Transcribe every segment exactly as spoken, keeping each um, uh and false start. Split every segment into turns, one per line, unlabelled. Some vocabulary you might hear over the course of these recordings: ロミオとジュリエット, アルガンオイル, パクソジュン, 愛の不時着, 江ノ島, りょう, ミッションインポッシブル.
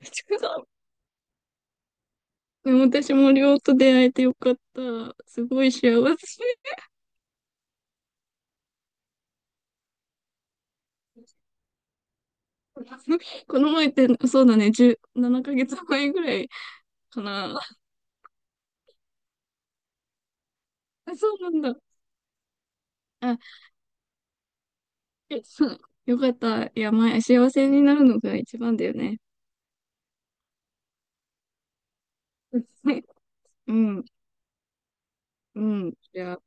ちかさん、でも私もりょうと出会えてよかった。すごい幸せ。この前って、そうだね、じゅうななかげつまえぐらいかな。あ、そうなんだ。あ、えそうよかった。いや、前、幸せになるのが一番だよね。うん、うん。いや、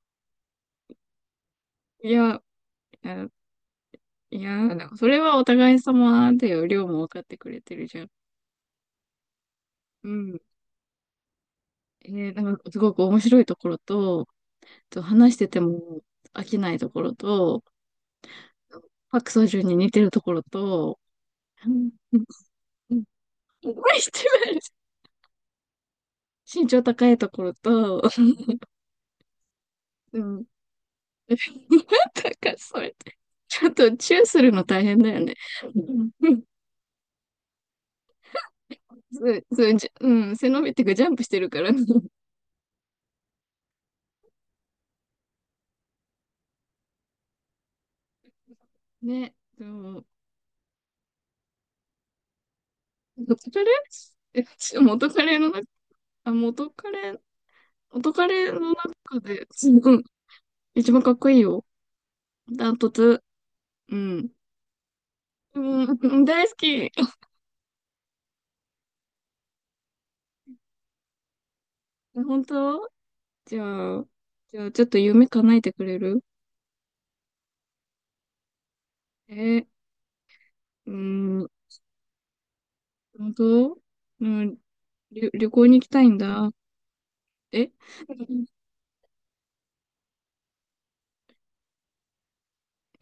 いや、いや、いやなんかそれはお互い様だよ。りょうも分かってくれてるじゃん。うん。えーなんかすごく面白いところと、と話してても飽きないところと、パクソジュンに似てるところと、うん、うん、うん、これ一番身長高いところと、うん、なんかそれ、ちょっとチューするの大変だよね。うん、そうそう、じうん、背伸びっていうかジャンプしてるからね。ね、でも、元カレ、え、ち元カレの中、あ、元カレ、元カレの中で、うん、一番かっこいいよ。ダントツ。うん。うん、大好き。本当？じゃあ、じゃあ、ちょっと夢叶えてくれる？えー、うーん、本当。うん、旅、旅行に行きたいんだ。え、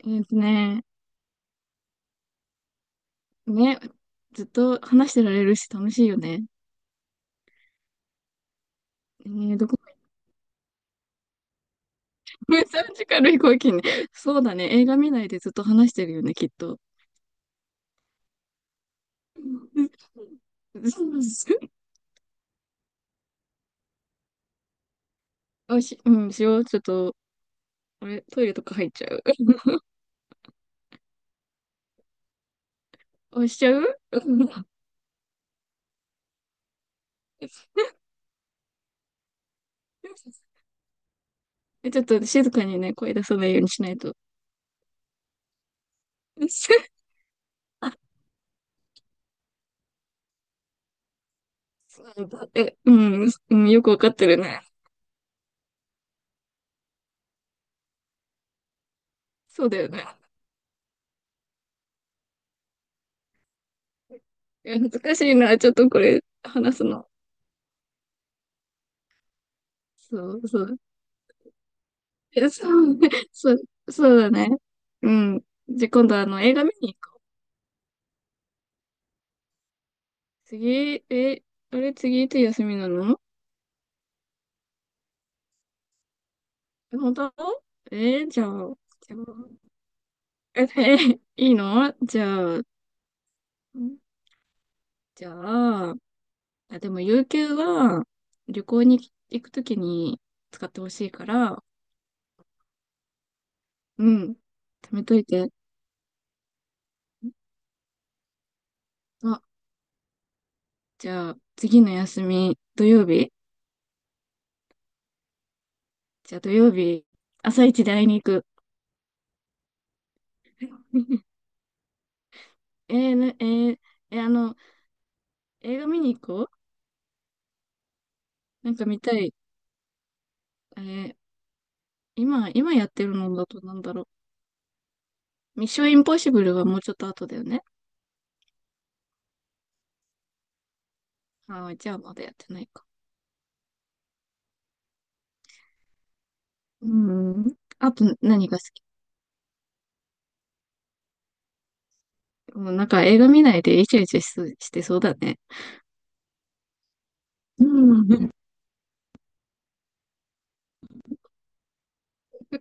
えーとね、ね、ずっと話してられるし楽しいよね。えー、どこさんじかん の飛行機ね。そうだね、映画見ないでずっと話してるよね、きっと。うん。あ、し、うん、しよう。ちょっと、あれ、トイレとか入っちゃう？あ、しちゃう。うん。 え、ちょっと静かにね、声出さないようにしないと。あ、そうだ。え、うん、うん、よくわかってるね。そうだよね。え、恥ずかしいな、ちょっとこれ、話すの。そうそう。え、そうね、そう、そうだね。うん。じゃ、今度あの、映画見に行こう。次、え、あれ、次いつ休みなの？え、本当？え、じゃあ、じゃあ、え、えいいの？じゃあ、んじゃあ、あ、でも、有給は、旅行に行くときに使ってほしいから、うん、貯めといて。あ、じゃあ、次の休み、土曜日？じゃあ、土曜日、朝一で会いに行く。えー、な、えーえーあの、映画見に行こう。なんか見たい。え今、今やってるのだとなんだろう。ミッションインポッシブルはもうちょっと後だよね。ああ、じゃあまだやってないか。うん。あと何が好き？もうなんか映画見ないでイチャイチャしそうしてそうだね。うん。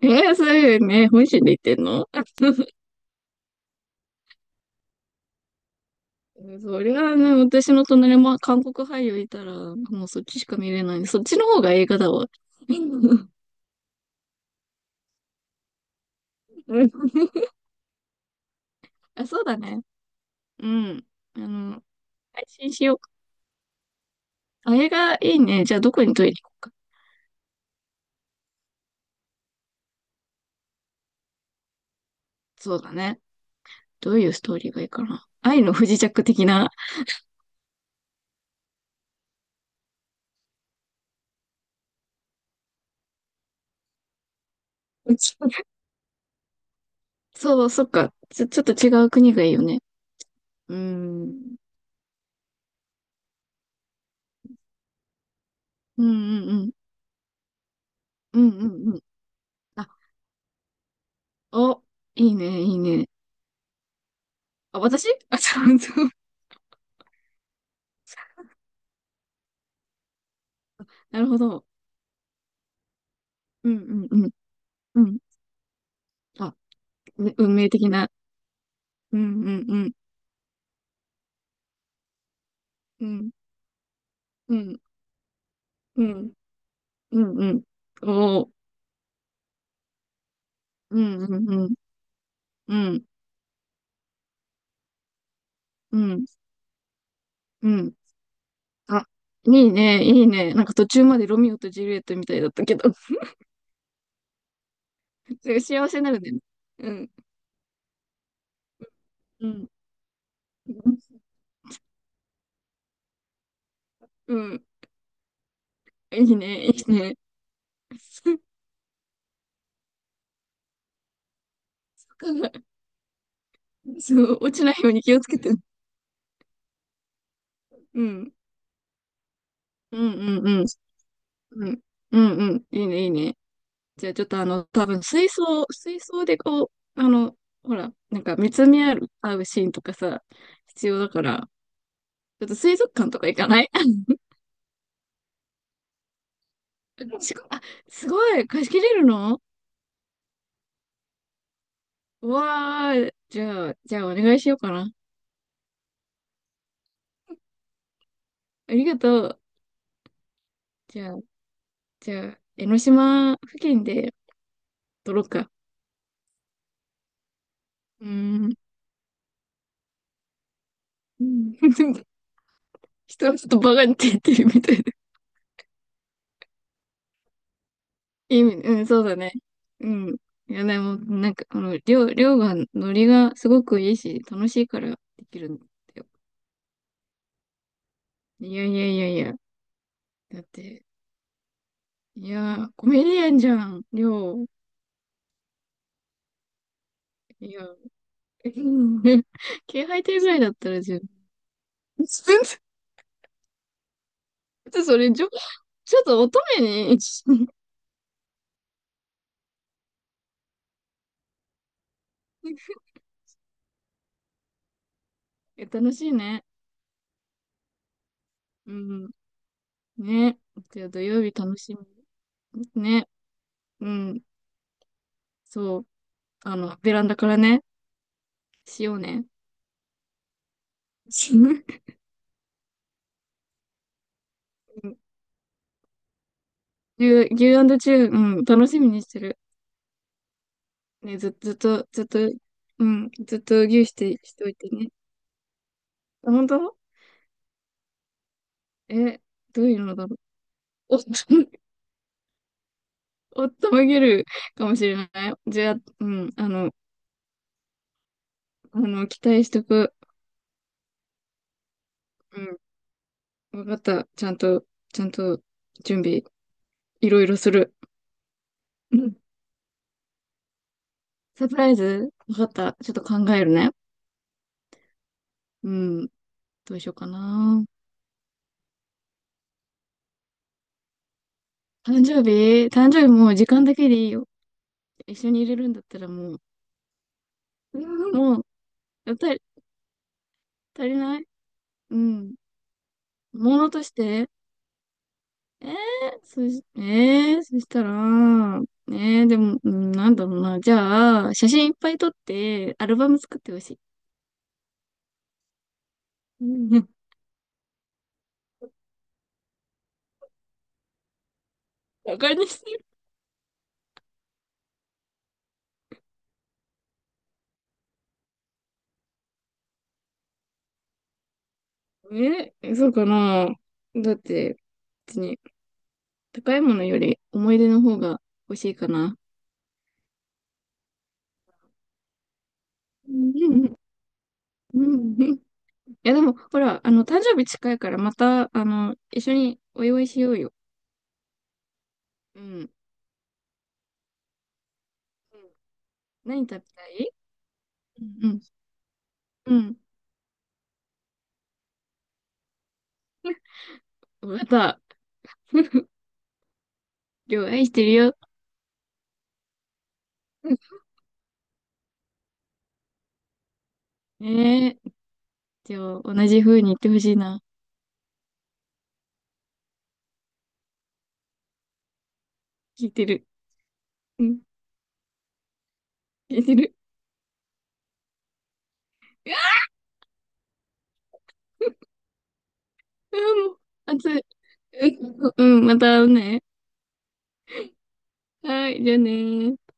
えー、そういうね、本心で言ってんの？ そりゃあね、私の隣も韓国俳優いたら、もうそっちしか見れない。そっちの方が映画だわ。うん。 あ、そうだね。うん。あの、配信しようか。あ、映画いいね。じゃあどこに撮りに行こうか。そうだね。どういうストーリーがいいかな。愛の不時着的な。そう、そっか。ちょ、ちょっと違う国がいいよね。うん。うんうんうん。うんうんうん。あ、お、いいね、いいね。あ、私。 あ、そうそう。なるほど。うんうんうん。うん。あ、ね、運命的な。うんうんうん。うん。うん。うん。うん。おお。うんうんうん。うん。うん。うん。あ、いいね。いいね。なんか途中までロミオとジュリエットみたいだったけど。幸せになるね。うん。うん。うん。うん、いいね。いいね。そう、落ちないように気をつけて。うん。うんうんうん。うん。うんうん。いいね。いいね。じゃあちょっとあの、多分水槽、水槽でこう、あの、ほら、なんか見つめ合う、合うシーンとかさ、必要だから、ちょっと水族館とか行かない？すご、 あ、すごい、貸し切れるの？うわー、じゃあ、じゃあお願いしようかな。ありがとう。じゃあ、じゃあ、江ノ島付近で撮ろうか。うーん。うん。 人はちょっとバカにって言ってるみたい。意味、うん、そうだね。うん。いや、でも、なんか、あの、りょう、りょうが、ノリがすごくいいし、楽しいからできるんだよ。いやいやいやいや。だって、いや、コメディアンじゃん、りょう。いや、うん、気配艇ぐらいだったら十分。全然、それ、ちょ、ちょっと乙女に。え。 楽しいね。うん。ね。じゃあ土曜日楽しみ。ね。うん。そう。あの、ベランダからね、しようね。牛、牛チュー、うん、楽しみにしてる。ね、ず、ずっと、ずっと、うん、ずっと牛して、しておいてね。あ、本当？え、どういうのだろう。おっと、おっとめげるかもしれない。じゃあ、うん、あの、あの、期待しとく。うん、わかった。ちゃんと、ちゃんと、準備、いろいろする。うん、サプライズわかった。ちょっと考えるね。うん、どうしようかな。誕生日誕生日もう時間だけでいいよ。一緒に入れるんだったら、もう、もう、やっぱり足りない。うん。ものとして。えー、そし、えー、そしたら、えー、でも、うん、なんだろうな。じゃあ、写真いっぱい撮って、アルバム作ってほしい。うん。バカにしてる？え、そうかな。だって、別に、高いものより思い出の方が欲しいかな。うん。うん、いや、でも、ほら、あの、誕生日近いから、また、あの、一緒にお祝いしようよ。うん。うん、何食べたい？うん。うん。また、両愛してるよ。ねえ。じゃあ、同じ風に言ってほしいな。聞いてる。うん、聞いてる。あ、もう、熱い。うん、うん、また会うね。はい、じゃあねー。